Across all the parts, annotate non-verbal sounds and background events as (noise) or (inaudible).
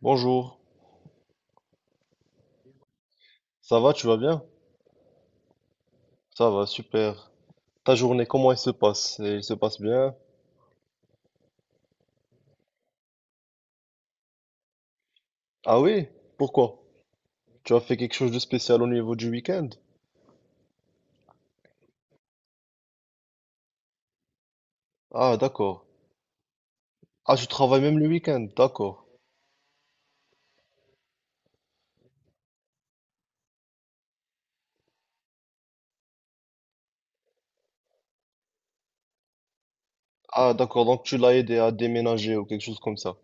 Bonjour, ça va, tu vas bien? Ça va, super. Ta journée, comment elle se passe? Elle se passe bien? Ah oui? Pourquoi? Tu as fait quelque chose de spécial au niveau du week-end? Ah d'accord. Ah, tu travailles même le week-end, d'accord. Ah d'accord, donc tu l'as aidé à déménager ou quelque chose comme ça.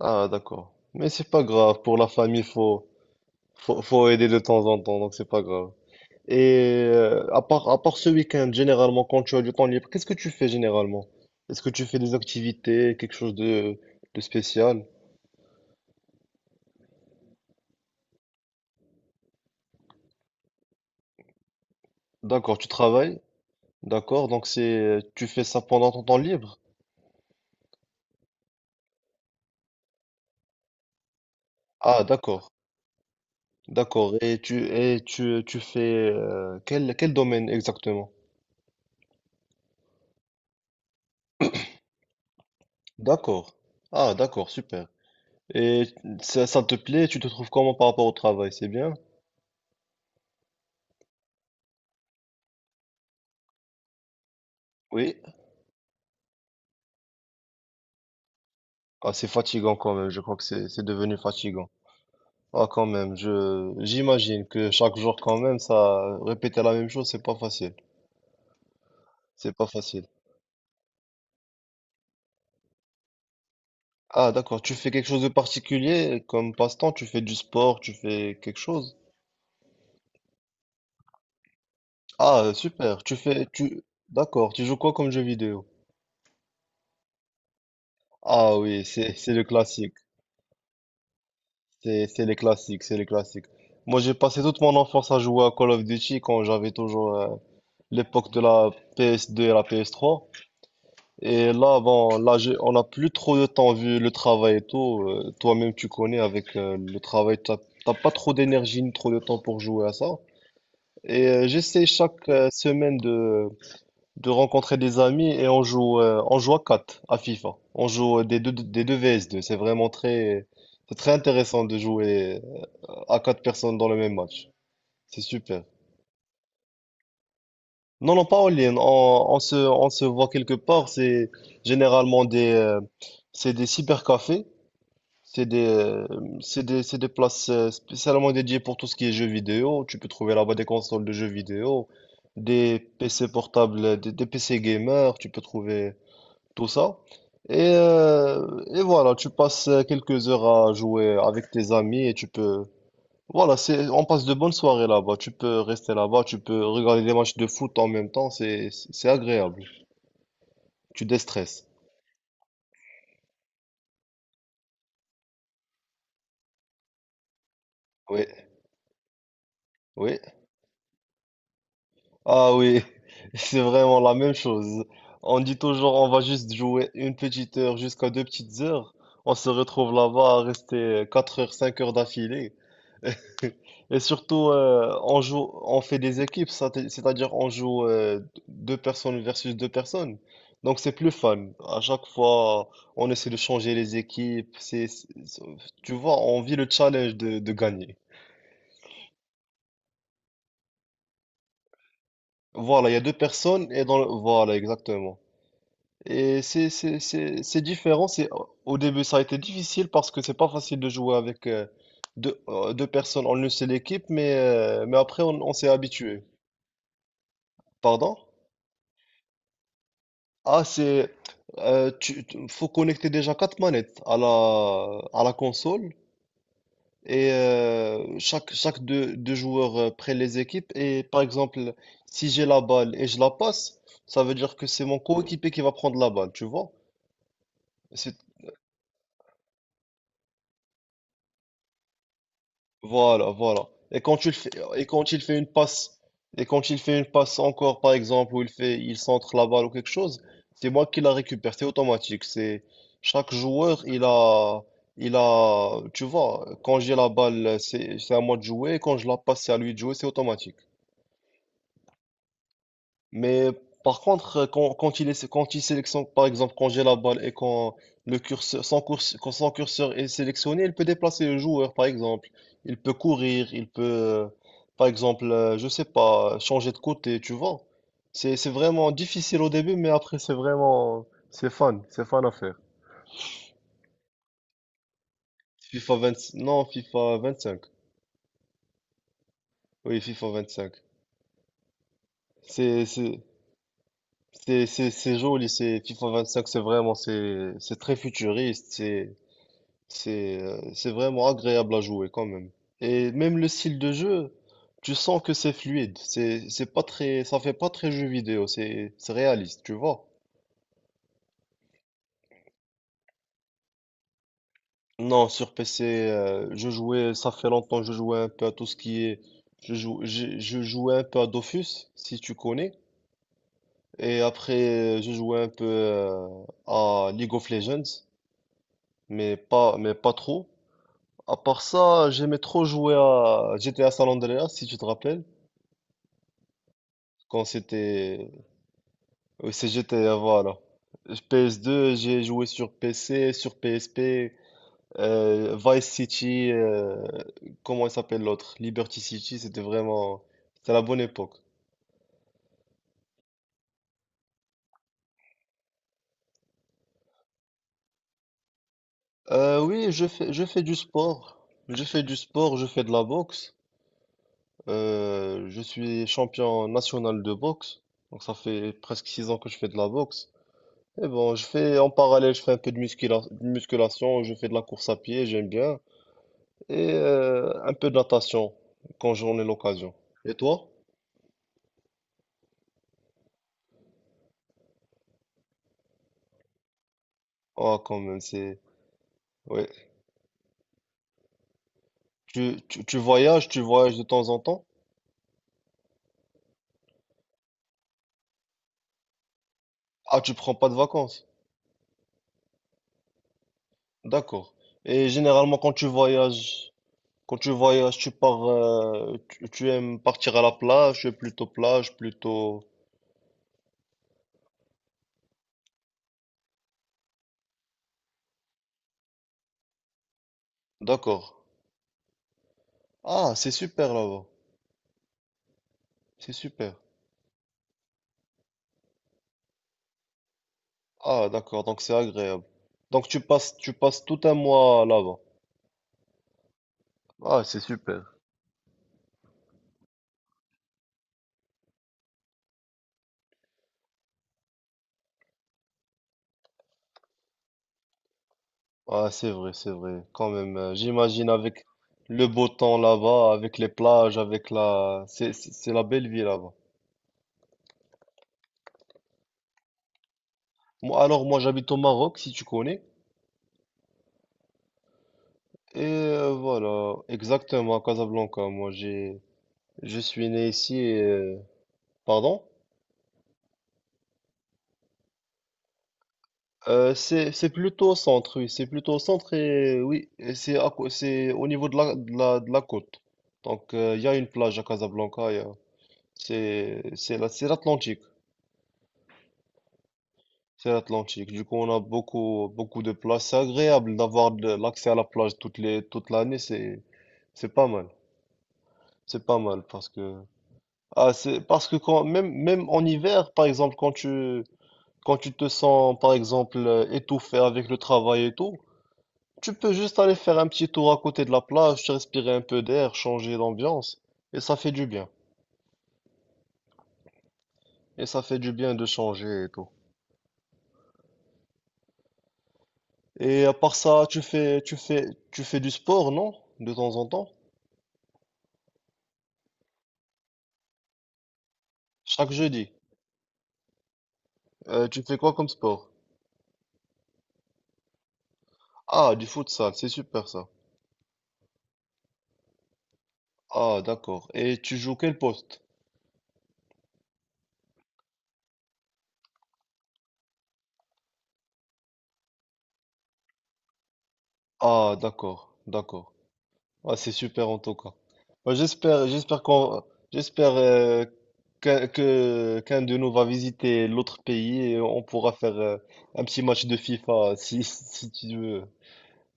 Ah d'accord. Mais c'est pas grave, pour la famille, faut aider de temps en temps, donc c'est pas grave. Et à part ce week-end, généralement, quand tu as du temps libre, qu'est-ce que tu fais généralement? Est-ce que tu fais des activités, quelque chose de spécial? D'accord, tu travailles? D'accord, donc tu fais ça pendant ton temps libre? Ah, d'accord, d'accord. Tu fais quel domaine exactement? D'accord. Ah, d'accord, super. Et ça te plaît? Tu te trouves comment par rapport au travail? C'est bien? Oui. Ah, c'est fatigant quand même. Je crois que c'est devenu fatigant. Ah, quand même, j'imagine que chaque jour, quand même, ça, répéter la même chose, c'est pas facile. C'est pas facile. Ah, d'accord. Tu fais quelque chose de particulier comme passe-temps? Tu fais du sport? Tu fais quelque chose? Ah, super. D'accord. Tu joues quoi comme jeu vidéo? Ah oui, c'est le classique. C'est les classiques, c'est les classiques. Moi, j'ai passé toute mon enfance à jouer à Call of Duty quand j'avais toujours, l'époque de la PS2 et la PS3. Et là, bon, on n'a plus trop de temps vu le travail et tout. Toi-même, tu connais avec le travail, t'as pas trop d'énergie ni trop de temps pour jouer à ça. Et j'essaie chaque semaine de rencontrer des amis et on joue à 4 à FIFA. On joue des deux vs. C'est très intéressant de jouer à quatre personnes dans le même match. C'est super. Non, non, pas en ligne. On se voit quelque part. C'est généralement des cybercafés. C'est des, euh, c'est des places spécialement dédiées pour tout ce qui est jeux vidéo. Tu peux trouver là-bas des consoles de jeux vidéo, des PC portables, des PC gamers, tu peux trouver tout ça. Et, voilà, tu passes quelques heures à jouer avec tes amis et tu peux. Voilà, on passe de bonnes soirées là-bas. Tu peux rester là-bas, tu peux regarder des matchs de foot en même temps, c'est agréable. Tu déstresses. Oui, oui. Ah oui, (laughs) c'est vraiment la même chose. On dit toujours on va juste jouer une petite heure jusqu'à deux petites heures. On se retrouve là-bas à rester 4 heures, 5 heures d'affilée. (laughs) Et surtout, on fait des équipes, c'est-à-dire on joue deux personnes versus deux personnes. Donc c'est plus fun. À chaque fois, on essaie de changer les équipes. Tu vois, on vit le challenge de gagner. Voilà, il y a deux personnes et voilà, exactement. Et c'est différent. C'est, au début, ça a été difficile parce que c'est pas facile de jouer avec deux personnes en une seule équipe, mais après, on s'est habitué. Pardon? Ah, c'est. Faut connecter déjà quatre manettes à la console et chaque deux joueurs prennent les équipes. Et par exemple, si j'ai la balle et je la passe, ça veut dire que c'est mon coéquipier qui va prendre la balle, tu vois? C'est- Voilà, voilà. Et quand il fait une passe, et quand il fait une passe encore, par exemple, il centre la balle ou quelque chose, c'est moi qui la récupère, c'est automatique. C'est chaque joueur, tu vois, quand j'ai la balle, c'est à moi de jouer, et quand je la passe, c'est à lui de jouer, c'est automatique. Mais par contre, quand il sélectionne, par exemple, quand j'ai la balle et quand le curseur, son course, quand son curseur est sélectionné, il peut déplacer le joueur, par exemple. Il peut courir, il peut, par exemple, je sais pas, changer de côté, tu vois. C'est vraiment difficile au début, mais après, c'est fun à faire. FIFA 20 non, FIFA vingt cinq. Oui, FIFA vingt cinq. C'est, c'est, c'est joli, c'est FIFA vingt cinq. C'est très futuriste. C'est vraiment agréable à jouer quand même. Et même le style de jeu, tu sens que c'est fluide. C'est pas très, ça fait pas très jeu vidéo. C'est réaliste, tu vois. Non, sur PC, je jouais, ça fait longtemps, je jouais un peu à tout ce qui est, je jouais un peu à Dofus, si tu connais. Et après, je jouais un peu à League of Legends, mais pas trop. À part ça, j'aimais trop jouer à GTA San Andreas, si tu te rappelles quand c'était. Oui, c'est GTA, voilà. PS2, j'ai joué sur PC, sur P PSP, Vice City, comment il s'appelle l'autre? Liberty City, c'était vraiment. C'était la bonne époque. Oui, je fais du sport. Je fais du sport, je fais de la boxe. Je suis champion national de boxe. Donc ça fait presque 6 ans que je fais de la boxe. Et bon, je fais en parallèle, je fais un peu de de musculation, je fais de la course à pied, j'aime bien. Et un peu de natation quand j'en ai l'occasion. Et toi? Ah, quand même, c'est. Ouais. Tu, tu voyages de temps en temps? Ah, tu prends pas de vacances. D'accord. Et généralement, quand tu voyages, tu pars, tu aimes partir à la plage, tu es plutôt plage, plutôt. D'accord. Ah, c'est super là-bas. C'est super. Ah, d'accord, donc c'est agréable. Donc tu passes tout un mois là-bas. Ah, c'est super. Ah, c'est vrai, c'est vrai. Quand même, j'imagine avec le beau temps là-bas, avec les plages, c'est la belle vie là-bas. Moi, alors, moi, j'habite au Maroc, si tu connais. Et voilà, exactement, à Casablanca. Je suis né ici Pardon? C'est plutôt au centre, oui. C'est plutôt au centre et oui, et c'est au niveau de la côte. Donc, il y a une plage à Casablanca. Il y a- c'est la- c'est l'Atlantique. C'est l'Atlantique. Du coup, on a beaucoup, beaucoup de plages. C'est agréable d'avoir de l'accès à la plage toute l'année. C'est pas mal. C'est pas mal parce que quand, même en hiver, par exemple, quand tu te sens, par exemple, étouffé avec le travail et tout, tu peux juste aller faire un petit tour à côté de la plage, respirer un peu d'air, changer d'ambiance. Et ça fait du bien. Et ça fait du bien de changer et tout. Et à part ça, tu fais du sport, non? De temps en temps? Chaque jeudi. Tu fais quoi comme sport? Ah, du futsal, c'est super ça. Ah, d'accord. Et tu joues quel poste? Ah, d'accord, d'accord. Ah, c'est super en tout cas. Bah, j'espère qu'un de nous va visiter l'autre pays et on pourra faire un petit match de FIFA si, (laughs) si tu veux.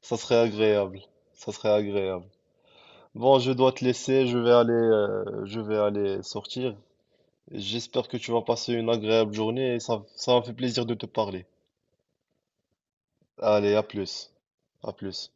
Ça serait agréable. Ça serait agréable. Bon, je dois te laisser. Je vais aller sortir. J'espère que tu vas passer une agréable journée et ça m'a fait plaisir de te parler. Allez, à plus. À plus.